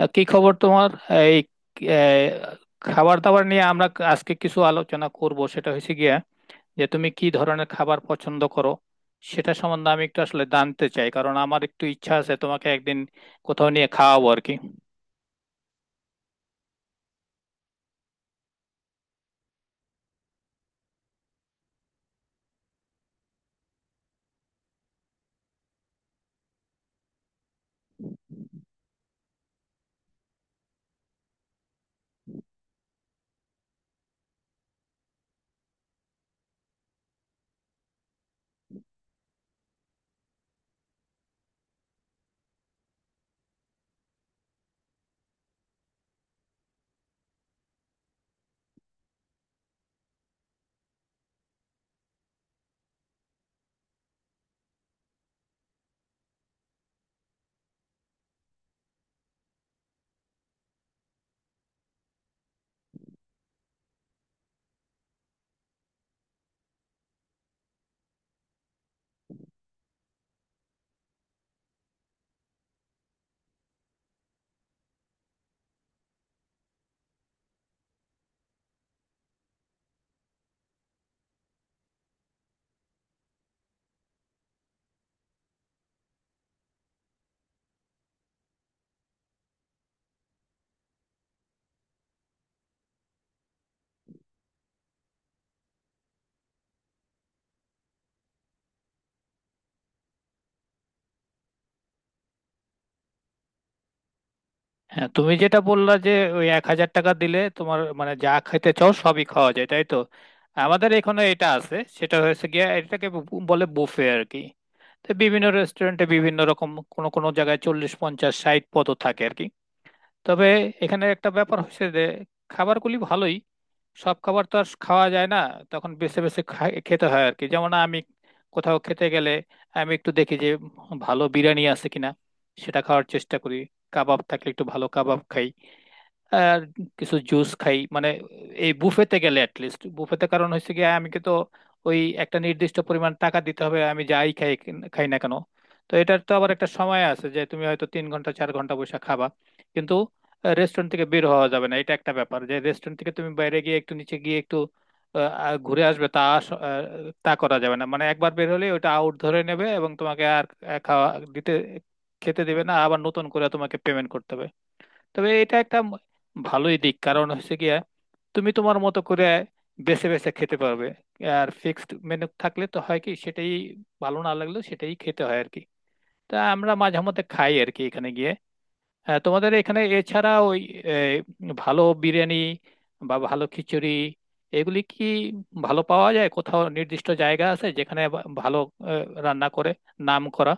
কি খবর তোমার? এই আহ, খাবার দাবার নিয়ে আমরা আজকে কিছু আলোচনা করব। সেটা হয়েছে গিয়া যে তুমি কি ধরনের খাবার পছন্দ করো সেটা সম্বন্ধে আমি একটু আসলে জানতে চাই, কারণ আমার একটু ইচ্ছা আছে তোমাকে একদিন কোথাও নিয়ে খাওয়াবো আর কি। হ্যাঁ, তুমি যেটা বললা যে ওই 1,000 টাকা দিলে তোমার মানে যা খেতে চাও সবই খাওয়া যায় তাই তো। আমাদের এখানে এটা আছে, সেটা হয়েছে গিয়া এটাকে বলে বুফে আর কি। তো বিভিন্ন রেস্টুরেন্টে বিভিন্ন রকম, কোনো কোনো জায়গায় 40 50 60 পদও থাকে আর কি। তবে এখানে একটা ব্যাপার হচ্ছে যে খাবারগুলি ভালোই, সব খাবার তো আর খাওয়া যায় না, তখন বেছে বেছে খেতে হয় আর কি। যেমন আমি কোথাও খেতে গেলে আমি একটু দেখি যে ভালো বিরিয়ানি আছে কিনা, সেটা খাওয়ার চেষ্টা করি। কাবাব থাকলে একটু ভালো কাবাব খাই, আর কিছু জুস খাই মানে এই বুফেতে গেলে অ্যাটলিস্ট। বুফেতে কারণ হচ্ছে কি, আমি কি তো ওই একটা নির্দিষ্ট পরিমাণ টাকা দিতে হবে, আমি যাই খাই, খাই না কেন। তো এটার তো আবার একটা সময় আছে যে তুমি হয়তো 3 ঘন্টা 4 ঘন্টা বসে খাবা, কিন্তু রেস্টুরেন্ট থেকে বের হওয়া যাবে না। এটা একটা ব্যাপার যে রেস্টুরেন্ট থেকে তুমি বাইরে গিয়ে একটু নিচে গিয়ে একটু আহ, আহ, ঘুরে আসবে, তা করা যাবে না। মানে একবার বের হলে ওটা আউট ধরে নেবে এবং তোমাকে আর আহ, খাওয়া দিতে খেতে দেবে না, আবার নতুন করে তোমাকে পেমেন্ট করতে হবে। তবে এটা একটা ভালোই দিক, কারণ হচ্ছে গিয়ে তুমি তোমার মতো করে বেছে বেছে খেতে পারবে। আর ফিক্সড মেনু থাকলে তো হয় কি, সেটাই ভালো না লাগলেও সেটাই খেতে হয় আর কি। তা আমরা মাঝে মধ্যে খাই আর কি এখানে গিয়ে। হ্যাঁ, তোমাদের এখানে এছাড়া ওই এ, ভালো বিরিয়ানি বা ভালো খিচুড়ি এগুলি কি ভালো পাওয়া যায়? কোথাও নির্দিষ্ট জায়গা আছে যেখানে ভালো রান্না করে, নাম করা?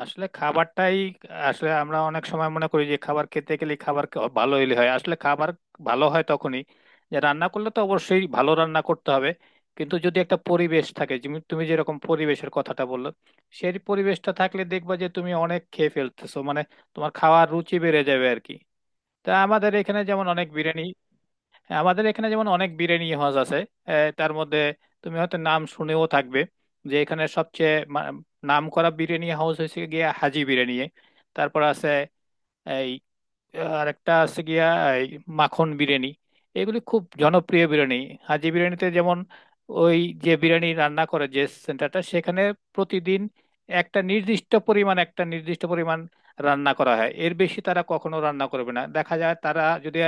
আসলে খাবারটাই, আসলে আমরা অনেক সময় মনে করি যে খাবার খেতে গেলে ভালো হইলে হয়, আসলে খাবার ভালো হয় তখনই যে রান্না করলে তো অবশ্যই ভালো রান্না করতে হবে, কিন্তু যদি একটা পরিবেশ থাকে, যেমন তুমি যেরকম পরিবেশের কথাটা বললো, সেই পরিবেশটা থাকলে দেখবা যে তুমি অনেক খেয়ে ফেলতেছো, মানে তোমার খাওয়ার রুচি বেড়ে যাবে আর কি। তা আমাদের এখানে যেমন অনেক বিরিয়ানি, হ্যাঁ, আমাদের এখানে যেমন অনেক বিরিয়ানি হাউস আছে। তার মধ্যে তুমি হয়তো নাম শুনেও থাকবে যে এখানে সবচেয়ে নাম করা বিরিয়ানি হাউস হয়েছে গিয়ে হাজি বিরিয়ানি। তারপর আছে আর একটা আছে গিয়া এই মাখন বিরিয়ানি। এগুলি খুব জনপ্রিয় বিরিয়ানি। হাজি বিরিয়ানিতে যেমন ওই যে বিরিয়ানি রান্না করে যে সেন্টারটা, সেখানে প্রতিদিন একটা নির্দিষ্ট পরিমাণ একটা নির্দিষ্ট পরিমাণ রান্না করা হয়, এর বেশি তারা কখনো রান্না করবে না। দেখা যায় তারা যদি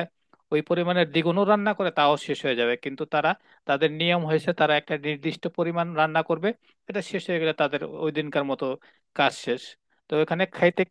ওই পরিমাণের দ্বিগুণও রান্না করে তাও শেষ হয়ে যাবে, কিন্তু তারা, তাদের নিয়ম হয়েছে তারা একটা নির্দিষ্ট পরিমাণ রান্না করবে, এটা শেষ হয়ে গেলে তাদের ওই দিনকার মতো কাজ শেষ। তো এখানে খাইতে।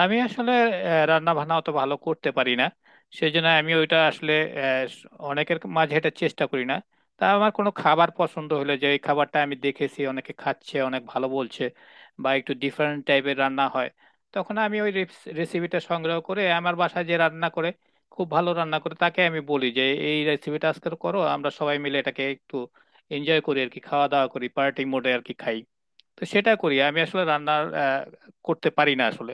আমি আসলে রান্না বান্না অত ভালো করতে পারি না, সেই জন্য আমি ওইটা আসলে অনেকের মাঝে এটা চেষ্টা করি না। তা আমার কোনো খাবার পছন্দ হলে যে এই খাবারটা আমি দেখেছি অনেকে খাচ্ছে, অনেক ভালো বলছে বা একটু ডিফারেন্ট টাইপের রান্না হয়, তখন আমি ওই রেসিপিটা সংগ্রহ করে আমার বাসায় যে রান্না করে, খুব ভালো রান্না করে, তাকে আমি বলি যে এই রেসিপিটা আজকে করো, আমরা সবাই মিলে এটাকে একটু এনজয় করি আর কি, খাওয়া দাওয়া করি, পার্টি মোডে আর কি খাই। তো সেটা করি, আমি আসলে রান্না করতে পারি না আসলে।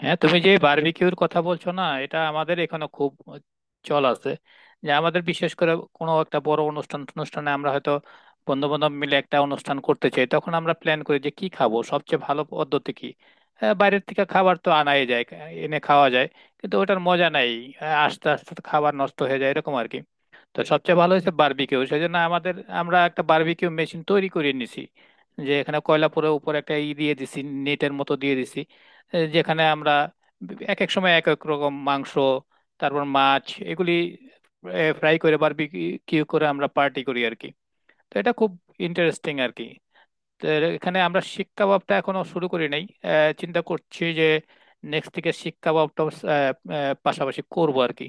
হ্যাঁ, তুমি যে বারবিকিউর কথা বলছো না, এটা আমাদের এখানে খুব চল আছে। যে আমাদের বিশেষ করে কোনো একটা বড় অনুষ্ঠান, অনুষ্ঠানে আমরা হয়তো বন্ধু বান্ধব মিলে একটা অনুষ্ঠান করতে চাই, তখন আমরা প্ল্যান করি যে কি খাবো, সবচেয়ে ভালো পদ্ধতি কি। হ্যাঁ, বাইরের থেকে খাবার তো আনাই যায়, এনে খাওয়া যায়, কিন্তু ওটার মজা নাই। হ্যাঁ, আস্তে আস্তে তো খাবার নষ্ট হয়ে যায় এরকম আর কি। তো সবচেয়ে ভালো হয়েছে বারবিকিউ। সেই জন্য আমাদের, আমরা একটা বারবিকিউ মেশিন তৈরি করে নিছি, যে এখানে কয়লা, পুরো উপরে একটা ই দিয়ে দিছি, নেটের মতো দিয়ে দিছি, যেখানে আমরা এক এক সময় এক এক রকম মাংস, তারপর মাছ, এগুলি ফ্রাই করে বারবিকিউ করে আমরা পার্টি করি আর কি। তো এটা খুব ইন্টারেস্টিং আর কি। তো এখানে আমরা শিক কাবাবটা এখনো শুরু করি নাই। চিন্তা করছি যে নেক্সট থেকে শিক কাবাবটা পাশাপাশি করবো আর কি।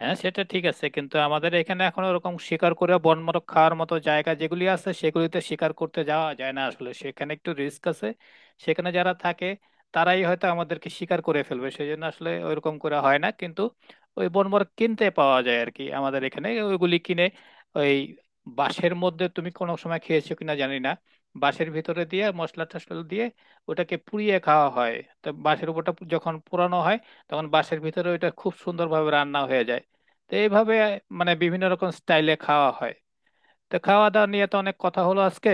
হ্যাঁ, সেটা ঠিক আছে, কিন্তু আমাদের এখানে এখন ওরকম শিকার করে বনমারক খাওয়ার মতো জায়গা, যেগুলি আছে সেগুলিতে শিকার করতে যাওয়া যায় না আসলে, সেখানে একটু রিস্ক আছে। সেখানে যারা থাকে তারাই হয়তো আমাদেরকে শিকার করে ফেলবে, সেই জন্য আসলে ওইরকম করে হয় না, কিন্তু ওই বনমারক কিনতে পাওয়া যায় আর কি। আমাদের এখানে ওইগুলি কিনে ওই বাঁশের মধ্যে, তুমি কোনো সময় খেয়েছো কিনা জানি না, বাঁশের ভিতরে দিয়ে মশলা টশলা দিয়ে ওটাকে পুড়িয়ে খাওয়া হয়। তো বাঁশের উপরটা যখন পোড়ানো হয়, তখন বাঁশের ভিতরে ওইটা খুব সুন্দরভাবে রান্না হয়ে যায়। তো এইভাবে মানে বিভিন্ন রকম স্টাইলে খাওয়া হয়। তো খাওয়া দাওয়া নিয়ে তো অনেক কথা হলো আজকে।